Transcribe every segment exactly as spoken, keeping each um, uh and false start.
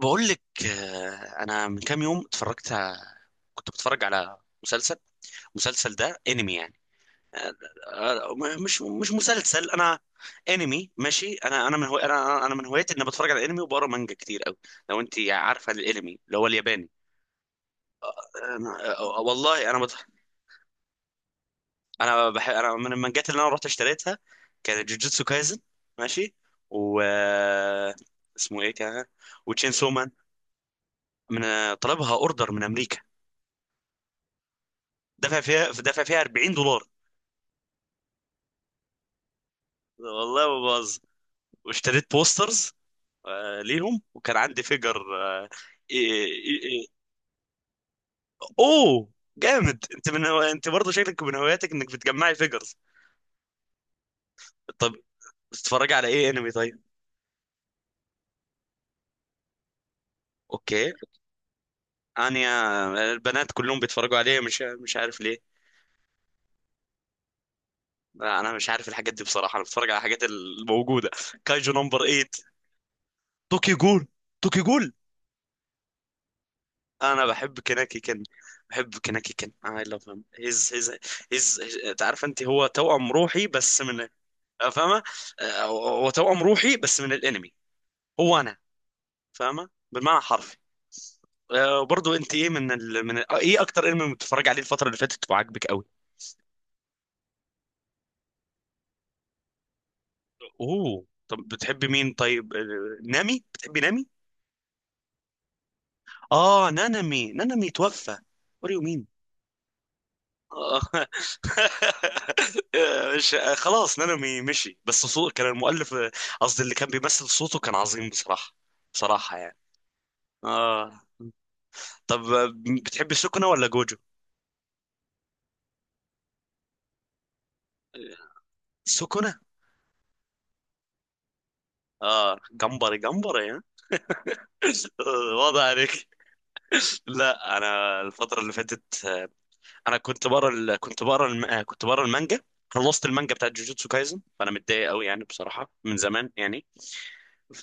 بقول لك آه، انا من كام يوم اتفرجت ع- كنت بتفرج على مسلسل. المسلسل ده انمي يعني. آه، آه، م- مش مش مسلسل انا، انمي. ماشي، انا انا من هو انا انا من هوايتي اني بتفرج على انمي وبقرا مانجا كتير قوي. لو انت عارفه الانمي اللي هو الياباني. أنا آه، والله انا بت... انا بح... انا من المانجات اللي انا رحت اشتريتها كانت جوجوتسو كايزن. ماشي. و آه، اسمه ايه كان؟ وتشين سومان. من آه، طلبها اوردر من امريكا. دافع فيها دافع فيها أربعين دولار، والله ما بهزر. واشتريت بوسترز آه ليهم، وكان عندي فيجر آه. إيه إيه إيه. اوه جامد. انت من هو... انت برضه شكلك من هواياتك انك بتجمعي فيجرز. طب بتتفرجي على ايه انمي طيب؟ اوكي. انا البنات كلهم بيتفرجوا عليه، مش مش عارف ليه. لا، انا مش عارف الحاجات دي بصراحه. انا بتفرج على الحاجات الموجوده. كايجو نمبر ثمانية. توكي جول. توكي جول. انا بحب كناكي كان. بحب كناكي كان. اي لاف هيم. هيز هيز هيز. عارف انت، هو توأم روحي بس من... فاهمه؟ آه، هو توأم روحي بس من الانمي. هو انا. فاهمه، بالمعنى الحرفي. آه، وبرضه انت، ايه من ال... من ال... آه، ايه اكتر انمي بتتفرج عليه الفتره اللي فاتت وعاجبك قوي؟ اوه طب بتحبي مين طيب؟ آه، نامي؟ بتحبي نامي؟ اه نانامي. نانامي توفى. What do you mean? مش... آه، خلاص نانومي مشي، بس صوت كان المؤلف... آه، قصدي اللي كان بيمثل صوته كان عظيم بصراحة. بصراحة يعني. اه. طب بتحبي سكنة ولا جوجو؟ سكنة. اه جمبري جمبري، ها؟ آه، واضح عليك. لا انا الفترة اللي فاتت... آه، انا كنت بقرا ال- كنت بقرا الم... آه، كنت بقرا المانجا. خلصت المانجا بتاعت جوجوتسو كايزن، فانا متضايق قوي يعني بصراحة من زمان يعني.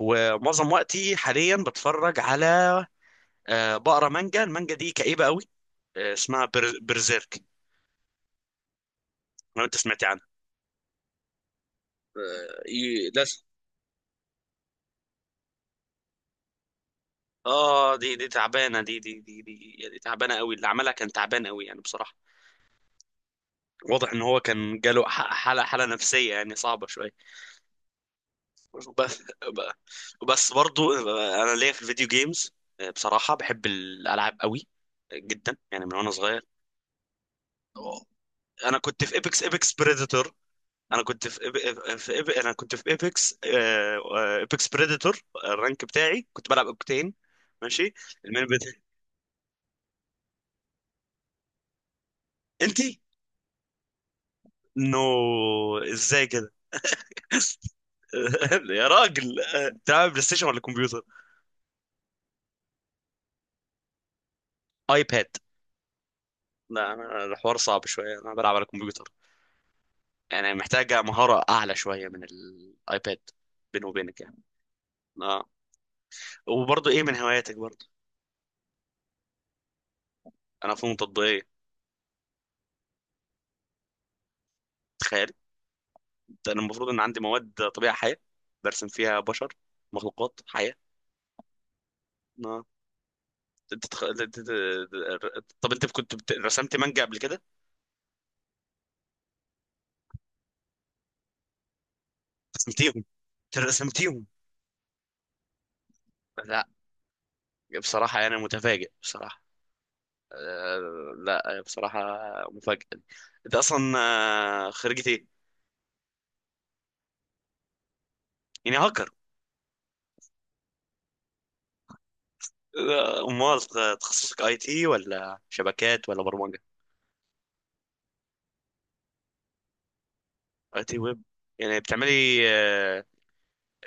ومعظم وقتي حاليا بتفرج على... آه بقرا مانجا. المانجا دي كئيبه قوي. آه اسمها بر... برزيرك. لو انت سمعت عنها. آه، ي- لازم. اه دي دي تعبانه. دي دي دي دي, يعني تعبانه قوي. اللي عملها كان تعبان قوي يعني بصراحه. واضح ان هو كان جاله ح- حاله حاله نفسيه يعني صعبه شويه. بس. بس برضو آه، انا ليا في الفيديو جيمز. آه، بصراحه بحب الالعاب قوي آه، جدا، يعني من وانا صغير. انا كنت في ايبكس. ايبكس بريديتور. انا كنت في إب... في إب... انا كنت في ايبكس، آه، ايبكس بريديتور. الرانك بتاعي كنت بلعب اوكتين. ماشي. المين بتاعي. انتي؟ نو. ازاي كده؟ يا راجل آه، بتلعب بلاي ستيشن ولا كمبيوتر؟ ايباد؟ لا انا الحوار صعب شويه، انا بلعب على كمبيوتر. يعني محتاجه مهاره اعلى شويه من الايباد. بيني وبينك يعني. اه. وبرضه ايه من هواياتك برضه؟ انا فنون تطبيقيه. تخيل. انا المفروض ان عندي مواد طبيعه حيه. برسم فيها بشر، مخلوقات حيه. آه. أنت تخ- أنت- طب انت كنت بت- رسمت مانجا قبل كده؟ رسمتيهم؟ رسمتيهم؟ لا. بصراحه انا متفاجئ بصراحه. آه، لا بصراحه. مفاجئ. انت اصلا آه، خريجة ايه؟ يعني هاكر؟ آه، امال؟ تخصصك اي تي ولا شبكات ولا برمجه؟ اي تي ويب. يعني بتعملي آه،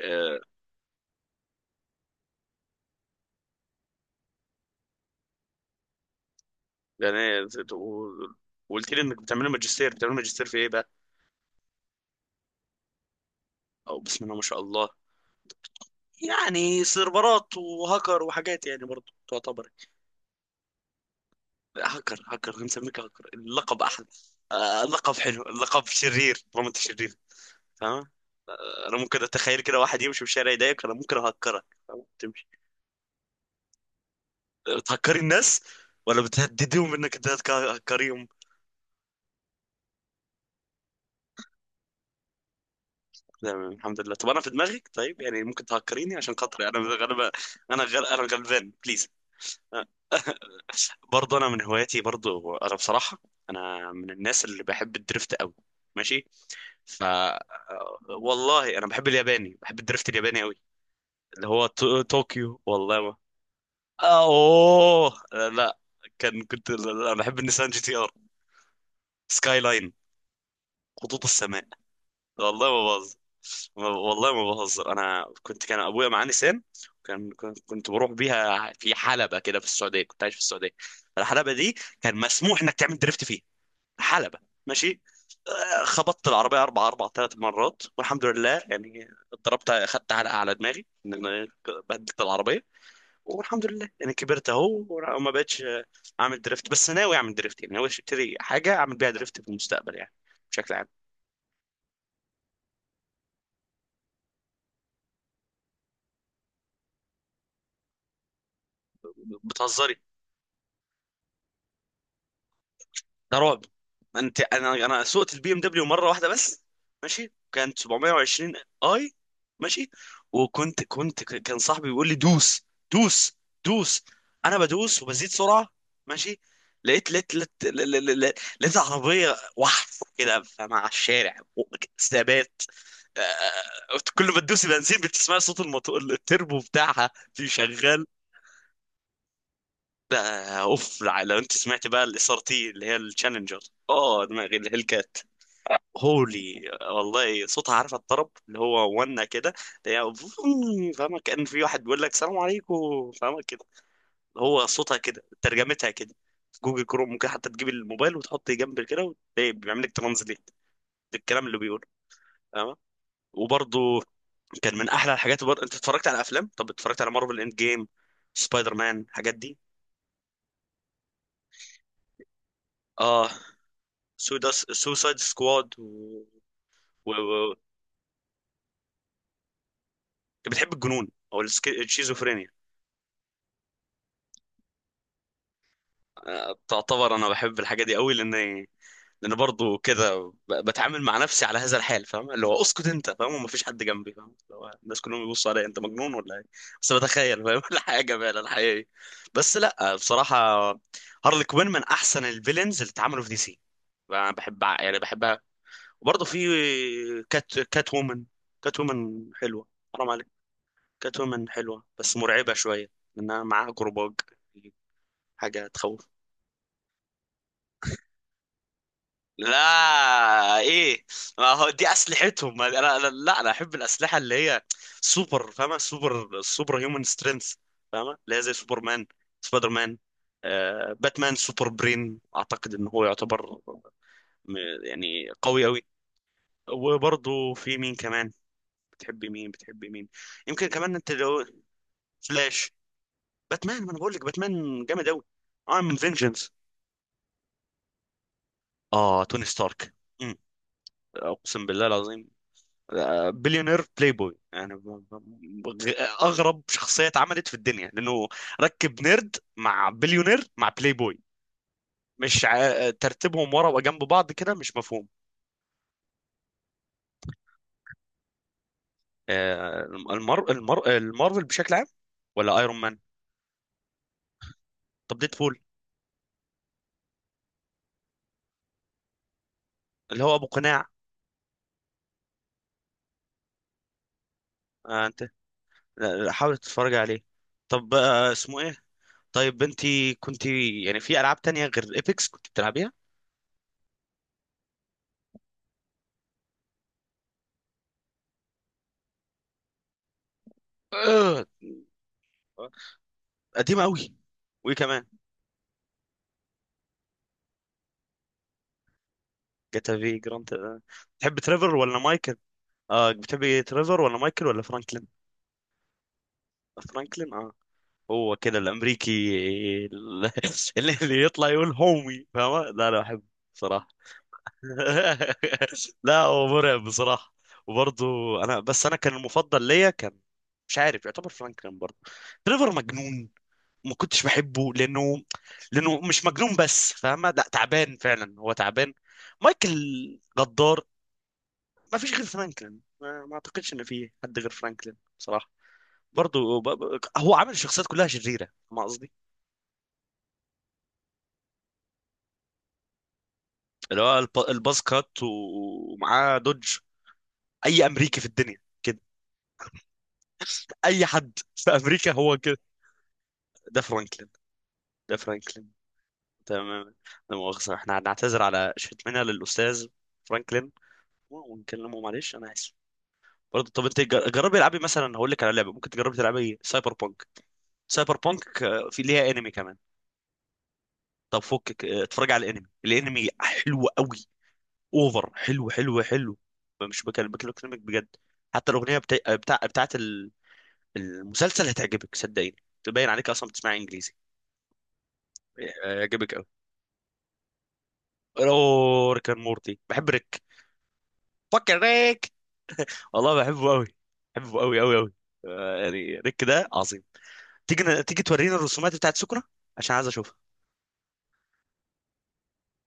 آه، يعني ت- و- وقلت لي انك بتعمل ماجستير. بتعمل ماجستير في ايه بقى؟ او بسم الله ما شاء الله. يعني سيرفرات وهاكر وحاجات يعني برضه تعتبر... هاكر. هاكر هنسميك هاكر، اللقب احلى. آه، اللقب حلو، اللقب شرير طالما انت شرير. فاهم. انا ممكن اتخيل كده واحد يمشي في الشارع يضايقك، انا ممكن اهكرك، فاهم؟ تمشي. آه، بتهكري الناس ولا بتهددهم انك تهكريهم؟ تمام الحمد لله. طب انا في دماغك طيب، يعني ممكن تهكريني عشان خاطري؟ انا انا انا غل- انا غلبان بليز. برضه انا من هواياتي، برضه انا بصراحه، انا من الناس اللي بحب الدريفت قوي. ماشي. ف والله انا بحب الياباني، بحب الدريفت الياباني قوي. اللي هو تو- طوكيو. والله ما... آه، اوه لا. كان كنت... لا، انا بحب النيسان جي تي ار. سكاي لاين. خطوط السماء. والله ما بهزر. ما- والله ما بهزر. انا كنت كان ابويا معاه نيسان. كان كنت كنت بروح بيها في حلبة كده في السعودية. كنت عايش في السعودية. الحلبة دي كان مسموح انك تعمل دريفت فيها. حلبة. ماشي. آه، خبطت العربية أربع أربع ثلاث مرات والحمد لله يعني. ضربت، خدت علقة على دماغي، إن أنا بهدلت العربية. والحمد لله يعني كبرت أهو وما بقتش آه، أعمل دريفت. بس ناوي أعمل دريفت، يعني ناوي أشتري حاجة أعمل بيها دريفت في المستقبل يعني، بشكل عام. بتهزري؟ ده رعب. انت... انا انا سوقت البي ام دبليو مره واحده بس. ماشي. كانت سبعمية وعشرين. اي ماشي. وكنت كنت ك- كان صاحبي بيقول لي دوس. دوس. دوس. انا بدوس وبزيد سرعه. ماشي. لقيت لقيت لقيت لقيت, لقيت, لقيت عربيه واحده كده مع الشارع، ثبات. آه، آه، كل ما تدوسي بنزين بتسمعي صوت الموتور التربو بتاعها في شغال. ده اوف. لو انت سمعت بقى الاس ار تي اللي هي التشالنجر. اه دماغي الهيل كات. هولي، والله صوتها. عارفه الطرب اللي هو ونا كده، اللي هي فوم، فاهمه؟ كأن في واحد بيقول لك سلام عليكم، فاهمه كده. هو صوتها كده، ترجمتها كده. في جوجل كروم ممكن حتى تجيب الموبايل وتحط جنب كده وتلاقي بيعمل لك ترانزليت للكلام اللي بيقوله. فاهمه؟ وبرضه كان من احلى الحاجات. برضه انت اتفرجت على افلام؟ طب اتفرجت على مارفل اند جيم، سبايدر مان، الحاجات دي؟ اه سوداس. سوسايد سكواد و... و... و... بتحب الجنون او السكي... الشيزوفرينيا؟ تعتبر انا بحب الحاجه دي قوي، لان لان برضو كده ب- بتعامل مع نفسي على هذا الحال. فاهم اللي هو اسكت انت، فاهم؟ ومفيش حد جنبي، فاهم اللي هو الناس كلهم بيبصوا عليا، انت مجنون ولا ايه؟ بس بتخيل، فاهم؟ الحياه جميله، الحياه إيه. بس لا بصراحه، هارلي كوين من احسن الفيلنز اللي اتعملوا في دي سي. انا بحب، يعني بحبها. وبرضه في كات كات وومن. كات وومن حلوه. حرام عليك. كات وومن حلوه بس مرعبه شويه، لانها معاها جروباج، حاجه تخوف. لا ايه، ما هو دي اسلحتهم. ما- انا أنا- لا انا احب الاسلحه اللي هي سوبر، فاهمه؟ سوبر سوبر هيومن سترينث. فاهمه اللي هي زي سوبر مان، سبايدر مان، آه باتمان. سوبر برين، اعتقد ان هو يعتبر... م- يعني قوي قوي. وبرضه في مين كمان. بتحبي مين؟ بتحبي مين يمكن كمان انت لو... فلاش؟ باتمان؟ ما انا بقول لك باتمان جامد قوي. ام فينجنس. اه توني ستارك. أمم، اقسم بالله العظيم. بليونير بلاي بوي يعني ب- ب- اغرب شخصيه اتعملت في الدنيا، لانه ركب نيرد مع بليونير مع بلاي بوي. مش ع- ترتيبهم ورا وجنب بعض كده مش مفهوم. آه، المر... المر... المارفل بشكل عام، ولا ايرون مان؟ طب ديدبول؟ اللي هو ابو قناع. آه، انت... لا، حاول تتفرج عليه. طب آه، اسمه ايه؟ طيب انت كنت يعني في العاب تانية غير ايبكس كنت بتلعبيها؟ آه، قديمه قوي. وايه كمان؟ جاتا في جراند آه. تحب تريفر ولا مايكل؟ اه بتحب تريفر ولا مايكل ولا فرانكلين؟ فرانكلين اه. هو كده الامريكي ال- اللي اللي يطلع يقول هومي، فاهمة؟ لا لا احب بصراحة. لا هو مرعب بصراحة. وبرضه انا بس، انا كان المفضل ليا كان... مش عارف، يعتبر فرانكلين برضه. تريفر مجنون، ما كنتش بحبه، لانه لانه مش مجنون بس، فاهمة؟ لا تعبان، فعلا هو تعبان. مايكل غدار. ما فيش غير فرانكلين. ما, ما اعتقدش ان في حد غير فرانكلين بصراحه. برضه ب... ب... هو عامل الشخصيات كلها شريره، ما قصدي اللي هو الب... الباز كات، و... ومعاه دوج. اي امريكي في الدنيا كده، اي حد في امريكا هو كده. ده فرانكلين. ده فرانكلين. تمام. لا مؤاخذه، احنا هنعتذر على شتمنا للاستاذ فرانكلين، ونكلمه معلش انا اسف. برضه طب انت جر- جربي العبي مثلا، هقول لك على لعبه ممكن تجربي تلعبي سايبر بونك. سايبر بونك آه، في ليها انمي كمان. طب فكك اه، اتفرج على الانمي. الانمي حلو قوي. اوفر حلو حلو حلو. مش بكلم بكلمك بجد. حتى الاغنيه بتاع بتاع بتاعت ال- المسلسل هتعجبك، صدقيني. تبين عليك اصلا بتسمع انجليزي. اه، هيعجبك قوي. اوه ريك اند مورتي. بحب ريك. فكر ريك. والله بحبه قوي. بحبه قوي قوي قوي. اه، يعني ريك ده عظيم. تيجي تيجي تورينا الرسومات بتاعت سكرة، عشان عايز اشوفها.